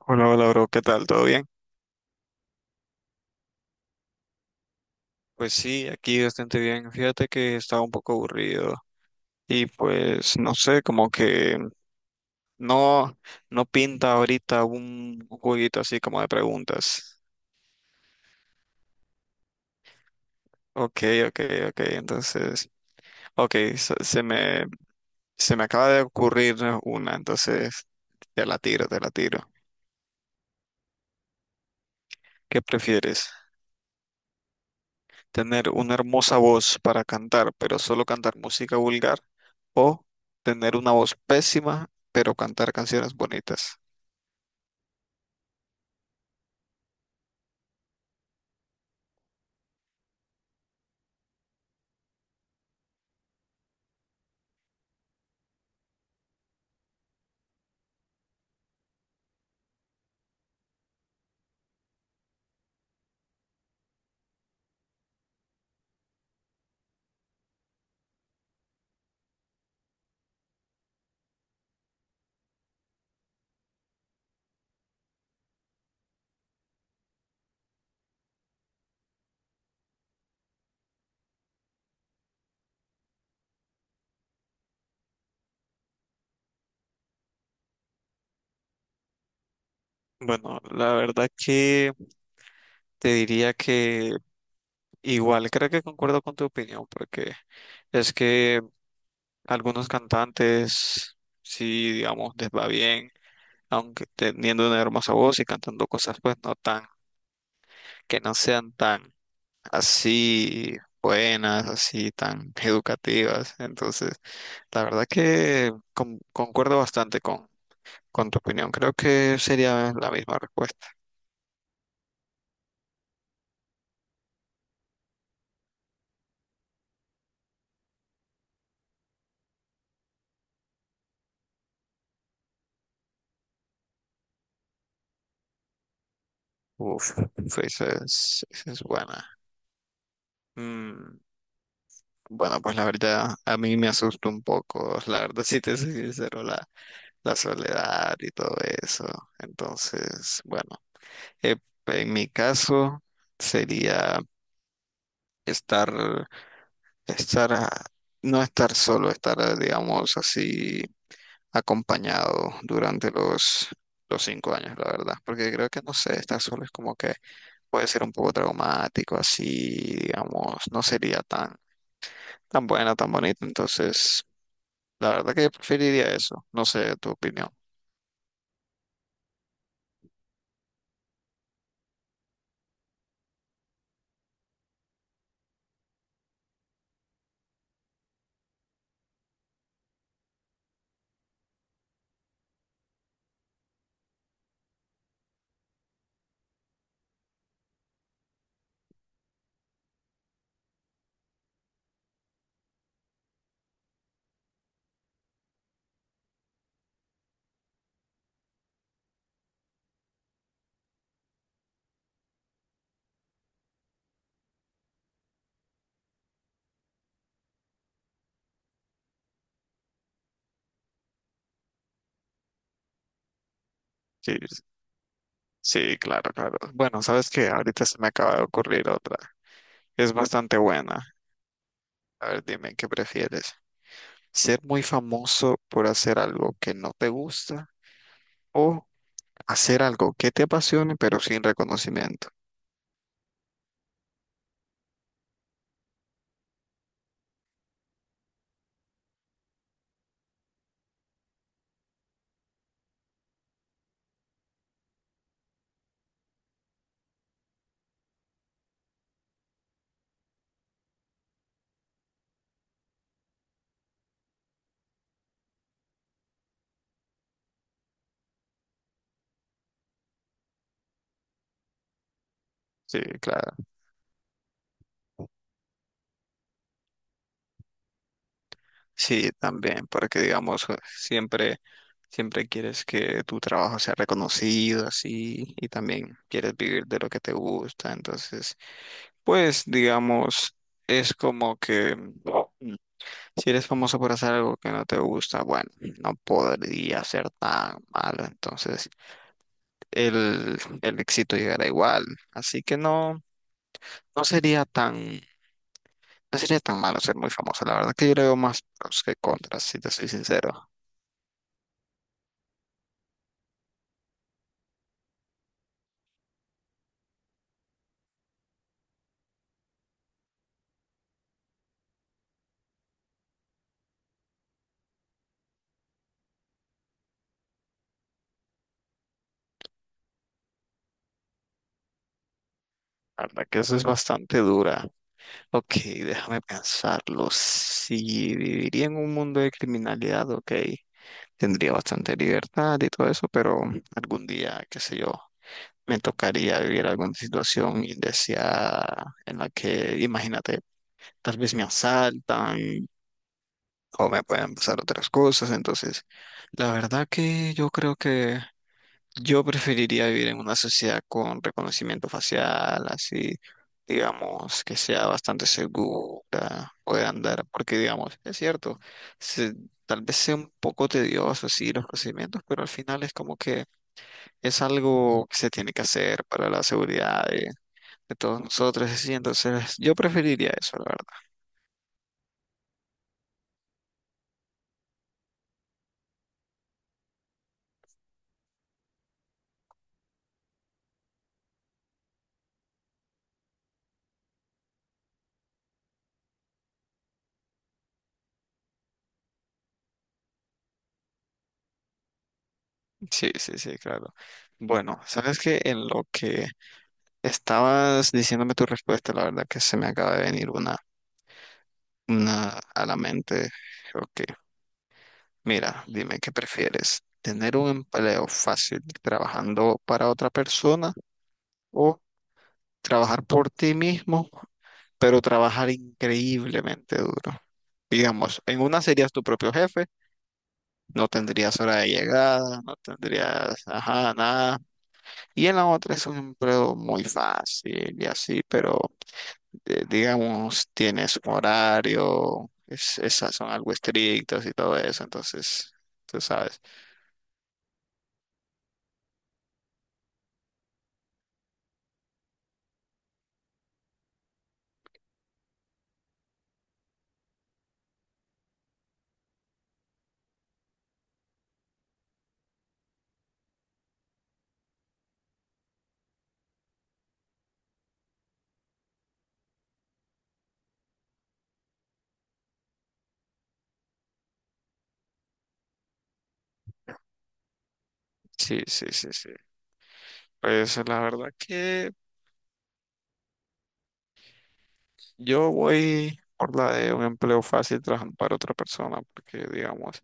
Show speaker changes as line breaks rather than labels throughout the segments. Hola, hola, bro, ¿qué tal? ¿Todo bien? Pues sí, aquí bastante bien. Fíjate que estaba un poco aburrido y pues no sé, como que no, no pinta ahorita un jueguito así como de preguntas. Ok, ok, ok, entonces, ok, se me acaba de ocurrir una, entonces te la tiro, te la tiro. ¿Qué prefieres? Tener una hermosa voz para cantar, pero solo cantar música vulgar, o tener una voz pésima, pero cantar canciones bonitas. Bueno, la verdad que te diría que igual, creo que concuerdo con tu opinión, porque es que algunos cantantes, sí, digamos, les va bien, aunque teniendo una hermosa voz y cantando cosas, pues no tan, que no sean tan así buenas, así tan educativas. Entonces, la verdad que concuerdo bastante con tu opinión. Creo que sería la misma respuesta. Uf, Suiza es buena. Mm, bueno, pues la verdad, a mí me asusta un poco. La verdad, si te soy sincero, la soledad y todo eso. Entonces, bueno, eh, en mi caso sería estar, estar, a- no estar solo, estar, digamos, así acompañado durante los 5 años, la verdad. Porque creo que, no sé, estar solo es como que puede ser un poco traumático, así, digamos, no sería tan buena, tan bonita. Entonces, la verdad que yo preferiría eso. No sé tu opinión. Sí, sí, claro, claro. Bueno, sabes que ahorita se me acaba de ocurrir otra. Es bastante buena. A ver, dime, ¿qué prefieres? ¿Ser muy famoso por hacer algo que no te gusta o hacer algo que te apasione pero sin reconocimiento? Sí, claro. Sí, también, porque digamos, siempre quieres que tu trabajo sea reconocido así y también quieres vivir de lo que te gusta. Entonces, pues digamos, es como que mm, si eres famoso por hacer algo que no te gusta, bueno, no podría ser tan malo. Entonces, el éxito llegará igual. Así que no, no sería tan, no sería tan malo ser muy famoso. La verdad que yo le veo más pros que contras, si te soy sincero. La verdad que eso es bastante dura. Ok, déjame pensarlo. Si viviría en un mundo de criminalidad, ok, tendría bastante libertad y todo eso, pero algún día, qué sé yo, me tocaría vivir alguna situación indeseada en la que, imagínate, tal vez me asaltan o me pueden pasar otras cosas. Entonces, la verdad que yo creo que yo preferiría vivir en una sociedad con reconocimiento facial, así, digamos, que sea bastante segura, pueda andar, porque, digamos, es cierto, se- tal vez sea un poco tedioso, sí los procedimientos, pero al final es como que es algo que se tiene que hacer para la seguridad de todos nosotros, así. Entonces, yo preferiría eso, la verdad. Sí, sí, sí, claro. Bueno, sabes que en lo que estabas diciéndome tu respuesta, la verdad que se me acaba de venir una a la mente. Ok, mira, dime qué prefieres, tener un empleo fácil trabajando para otra persona o trabajar por ti mismo, pero trabajar increíblemente duro. Digamos, en una serías tu propio jefe, no tendrías hora de llegada, no tendrías, ajá, nada. Y en la otra es un empleo muy fácil y así, pero digamos, tienes su horario, es, esas son algo estrictas y todo eso, entonces, tú sabes. Sí, sí, sí, sí. Pues la verdad que yo voy por la de un empleo fácil trabajando para otra persona, porque digamos,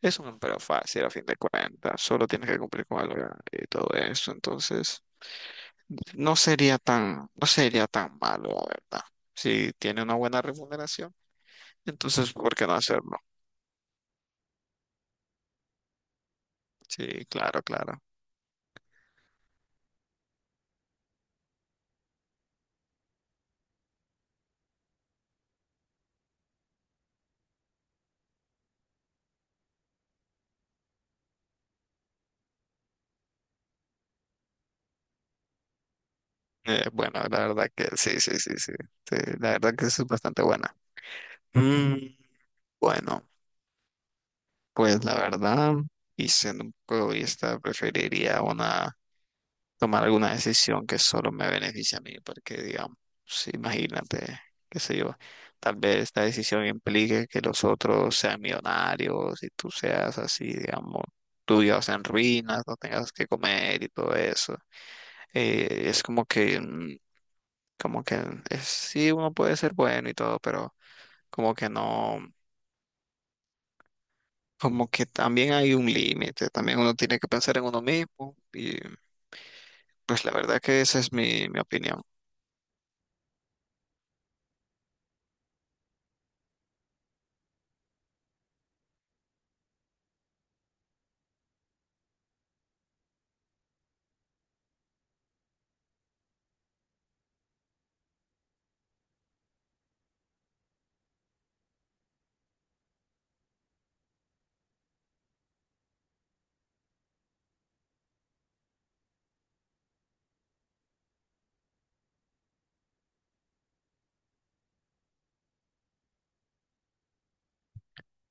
es un empleo fácil a fin de cuentas, solo tienes que cumplir con algo y todo eso, entonces no sería tan, no sería tan malo, la verdad. Si tiene una buena remuneración, entonces, ¿por qué no hacerlo? Sí, claro, claro. Bueno, la verdad que sí, sí, sí, sí, sí, la verdad que eso es bastante buena. Mm, bueno, pues la verdad, y siendo un poco egoísta, preferiría una, tomar alguna decisión que solo me beneficie a mí, porque digamos, sí, imagínate, qué sé yo, tal vez esta decisión implique que los otros sean millonarios y tú seas así, digamos, tú tuyos en ruinas, no tengas que comer y todo eso. Es como que, como que es, sí, uno puede ser bueno y todo, pero como que no, como que también hay un límite, también uno tiene que pensar en uno mismo y pues la verdad que esa es mi, mi opinión.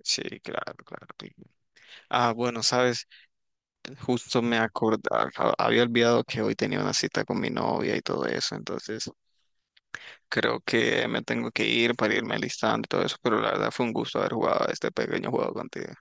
Sí, claro, claro. Sí. Ah, bueno, sabes, justo me acordaba, había olvidado que hoy tenía una cita con mi novia y todo eso, entonces creo que me tengo que ir para irme alistando y todo eso, pero la verdad fue un gusto haber jugado este pequeño juego contigo.